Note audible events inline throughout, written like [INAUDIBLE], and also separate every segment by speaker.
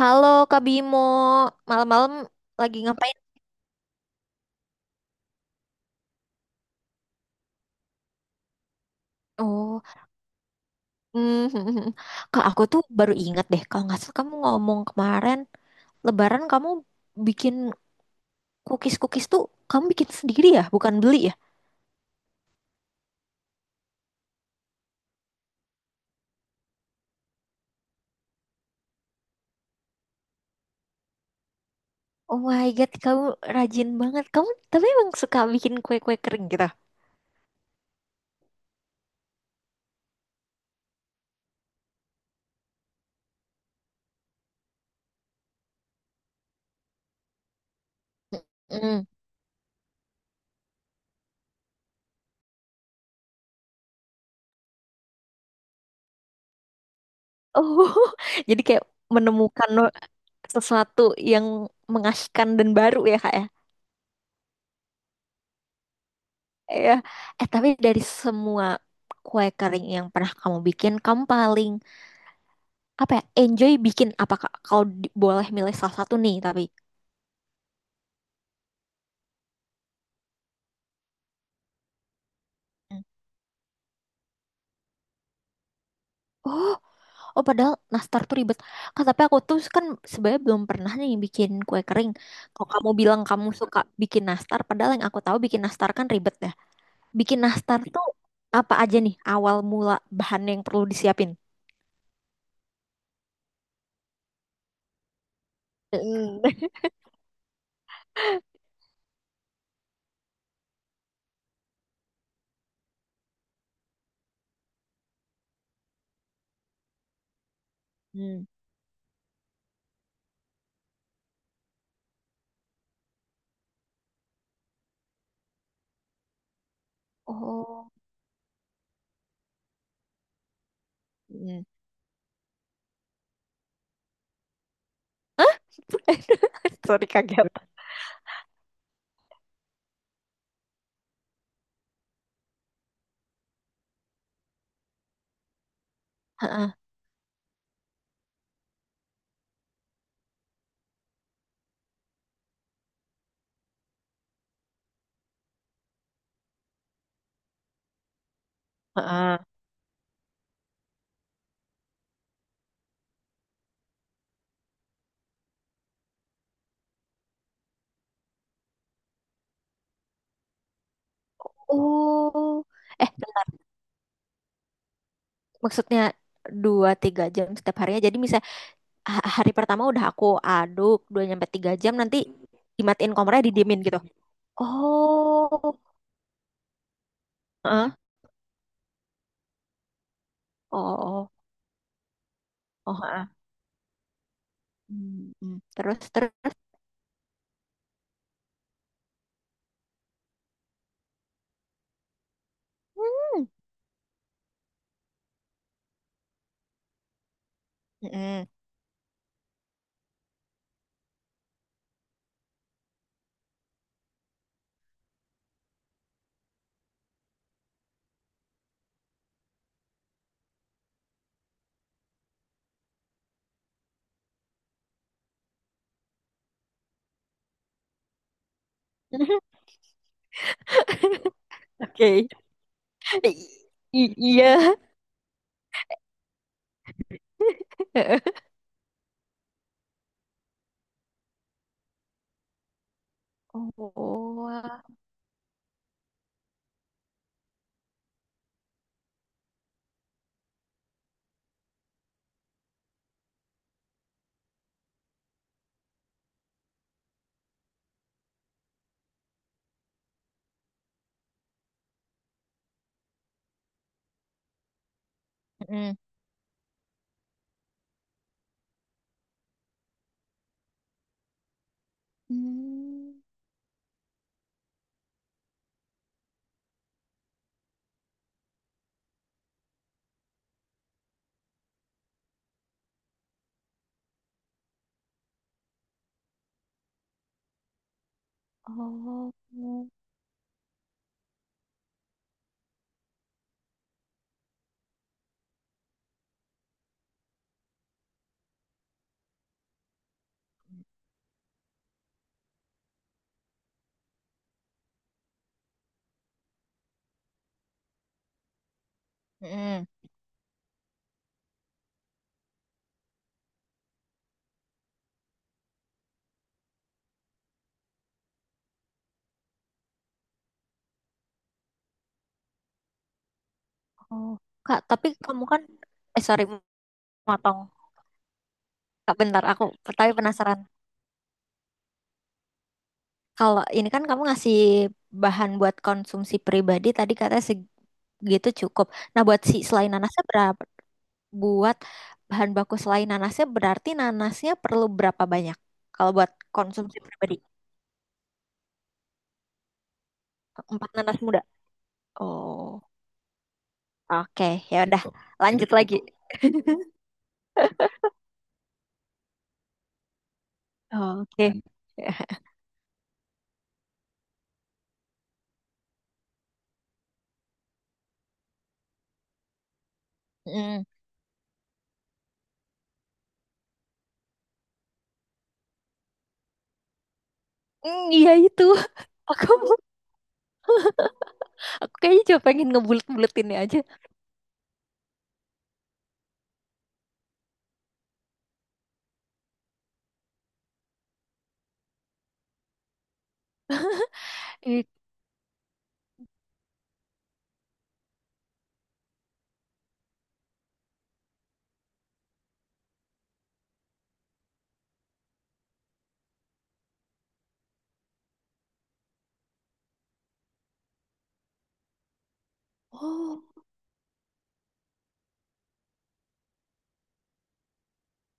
Speaker 1: Halo Kak Bimo, malam-malam lagi ngapain? Oh, hmm, [LAUGHS] Kak aku tuh baru ingat deh, kalau nggak salah kamu ngomong kemarin Lebaran kamu bikin cookies-cookies tuh kamu bikin sendiri ya, bukan beli ya? Oh my God, kamu rajin banget. Kamu tapi emang suka bikin kue-kue kering gitu? Hmm. Oh, [LAUGHS] jadi kayak menemukan sesuatu yang mengasihkan dan baru ya Kak ya? Iya. Eh tapi dari semua kue kering yang pernah kamu bikin, kamu paling apa ya? Enjoy bikin apa Kak? Kalau boleh milih salah satu nih tapi. Hmm. Oh, oh padahal nastar tuh ribet. Kak, tapi aku tuh kan sebenarnya belum pernah nih bikin kue kering. Kalau kamu bilang kamu suka bikin nastar, padahal yang aku tahu bikin nastar kan ribet ya. Bikin nastar tuh apa aja nih awal mula bahan yang perlu disiapin? Mm. [LAUGHS] Hmm. Oh. Hmm. [LAUGHS] Sorry kaget. Heeh. Oh, eh bentar. Maksudnya dua tiga jam setiap harinya. Jadi misalnya hari pertama udah aku aduk dua nyampe tiga jam nanti dimatiin kompornya didiemin gitu. Oh, heeh, oh, oh, oh. Heeh. Hmm, hmm. Terus terus. Hmm. Mm-mm. [LAUGHS] Oke. I- iya. [LAUGHS] Oh, wah. Mm-mm. Hmm. Oh. Mm-mm. Oh, Kak, tapi kamu kan eh sorry motong. Kak, bentar, aku tapi penasaran. Kalau ini kan kamu ngasih bahan buat konsumsi pribadi tadi katanya segitu cukup. Nah, buat si selain nanasnya berapa? Buat bahan baku selain nanasnya berarti nanasnya perlu berapa banyak? Kalau buat konsumsi pribadi, empat nanas muda. Oh, oke, ya udah, lanjut lagi. Oke. [LAUGHS] Dan mm, mm, iya itu. [LAUGHS] Aku aku kayaknya cuma pengen ngebulet-buletinnya aja. Eh, oh.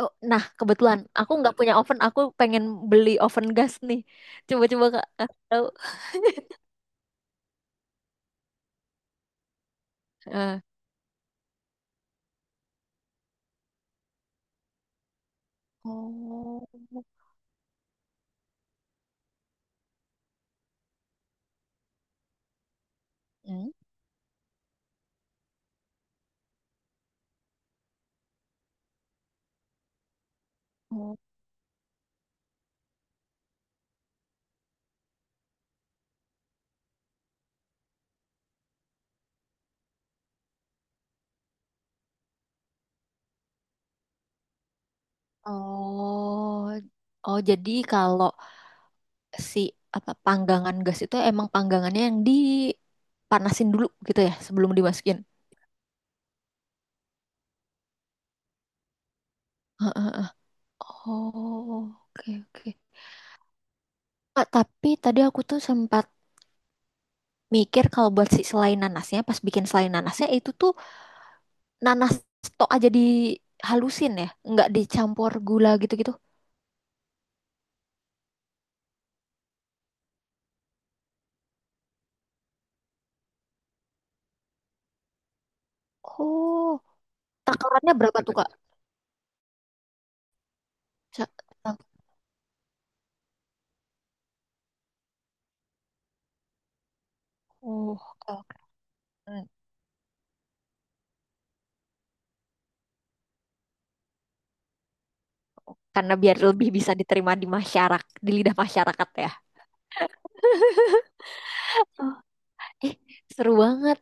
Speaker 1: Oh, nah, kebetulan aku nggak punya oven. Aku pengen beli oven gas nih. Coba-coba kak kasih tahu. Eh, oh, hmm, oh, oh, oh. Jadi kalau si apa panggangan gas itu emang panggangannya yang dipanasin dulu gitu ya sebelum dimasukin. Heeh. Oh, oke oke. Ah, tapi tadi aku tuh sempat mikir kalau buat si selai nanasnya, pas bikin selai nanasnya itu tuh nanas tok aja dihalusin ya, nggak dicampur gula gitu-gitu. Oh, takarannya berapa tuh Kak? Sa- Oh, oke. Karena biar lebih bisa diterima di masyarakat, di lidah masyarakat ya. Oh, eh, seru banget.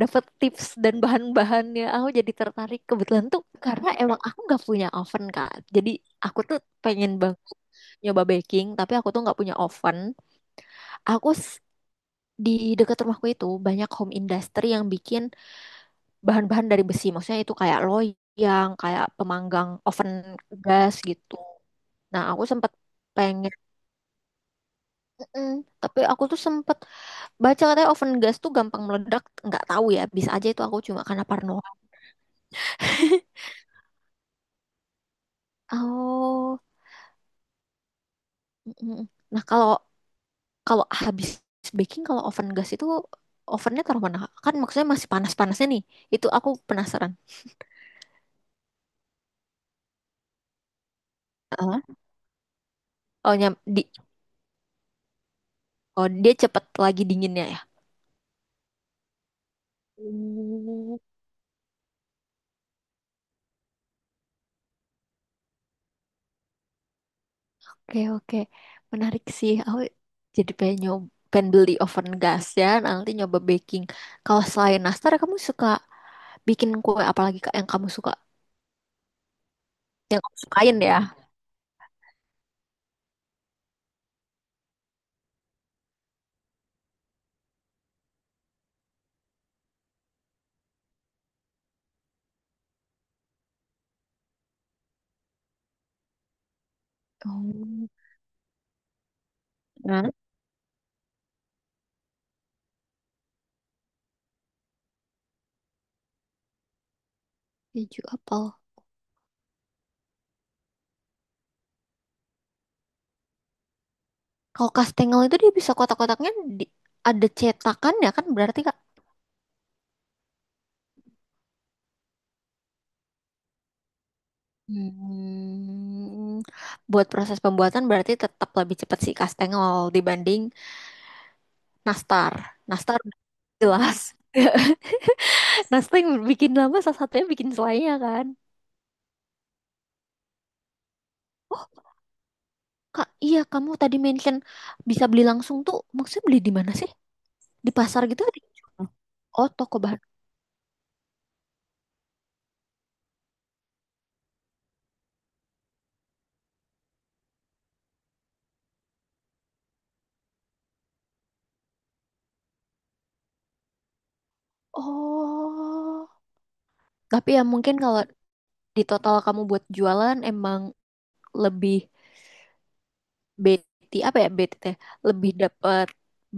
Speaker 1: Dapat tips dan bahan-bahannya, aku jadi tertarik kebetulan tuh karena emang aku nggak punya oven Kak. Jadi aku tuh pengen banget nyoba baking, tapi aku tuh nggak punya oven. Aku s- di dekat rumahku itu banyak home industry yang bikin bahan-bahan dari besi. Maksudnya itu kayak loyang, kayak pemanggang oven gas gitu. Nah, aku sempat pengen, mm-mm, tapi aku tuh sempat baca katanya oven gas tuh gampang meledak. Nggak tahu ya, bisa aja itu aku cuma karena parno. Oh, mm-mm. Nah kalau kalau habis baking, kalau oven gas itu ovennya taruh mana? Kan maksudnya masih panas-panasnya nih. Itu aku penasaran. Heeh. Oh, nyam, di, oh, dia cepet lagi dinginnya ya? Oh. Oke, oke. Menarik sih. Aku jadi pengen nyoba pengen beli oven gas ya. Nanti nyoba baking. Kalau selain nastar, kamu suka bikin kue apalagi Kak, yang kamu suka? Yang kamu sukain ya? Oh, nah, keju apel. Kalau kastengel itu dia bisa kotak-kotaknya di- ada cetakannya kan berarti Kak? Hmm, buat proses pembuatan berarti tetap lebih cepat sih kastengel dibanding nastar. Nastar udah jelas. [LAUGHS] Nah, yang bikin lama salah satunya bikin selainya kan. Oh, Kak, iya kamu tadi mention bisa beli langsung tuh. Maksudnya beli di mana sih? Di pasar gitu ada yang jual? Oh, toko bahan. Oh. Tapi ya mungkin kalau di total kamu buat jualan emang lebih BT apa ya BT teh, lebih dapat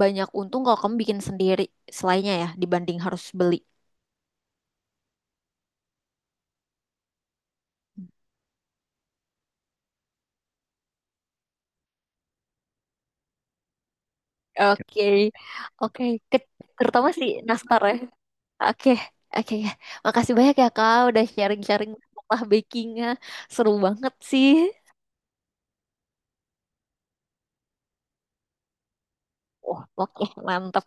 Speaker 1: banyak untung kalau kamu bikin sendiri selainnya ya dibanding harus beli. Oke. Oke, Ke- terutama si nastar ya. Oke, oke ya. Makasih banyak ya Kak udah sharing-sharing masalah bakingnya. Seru banget sih. Wah, oke, mantap.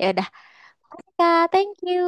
Speaker 1: Ya udah. Oke, Kak, thank you.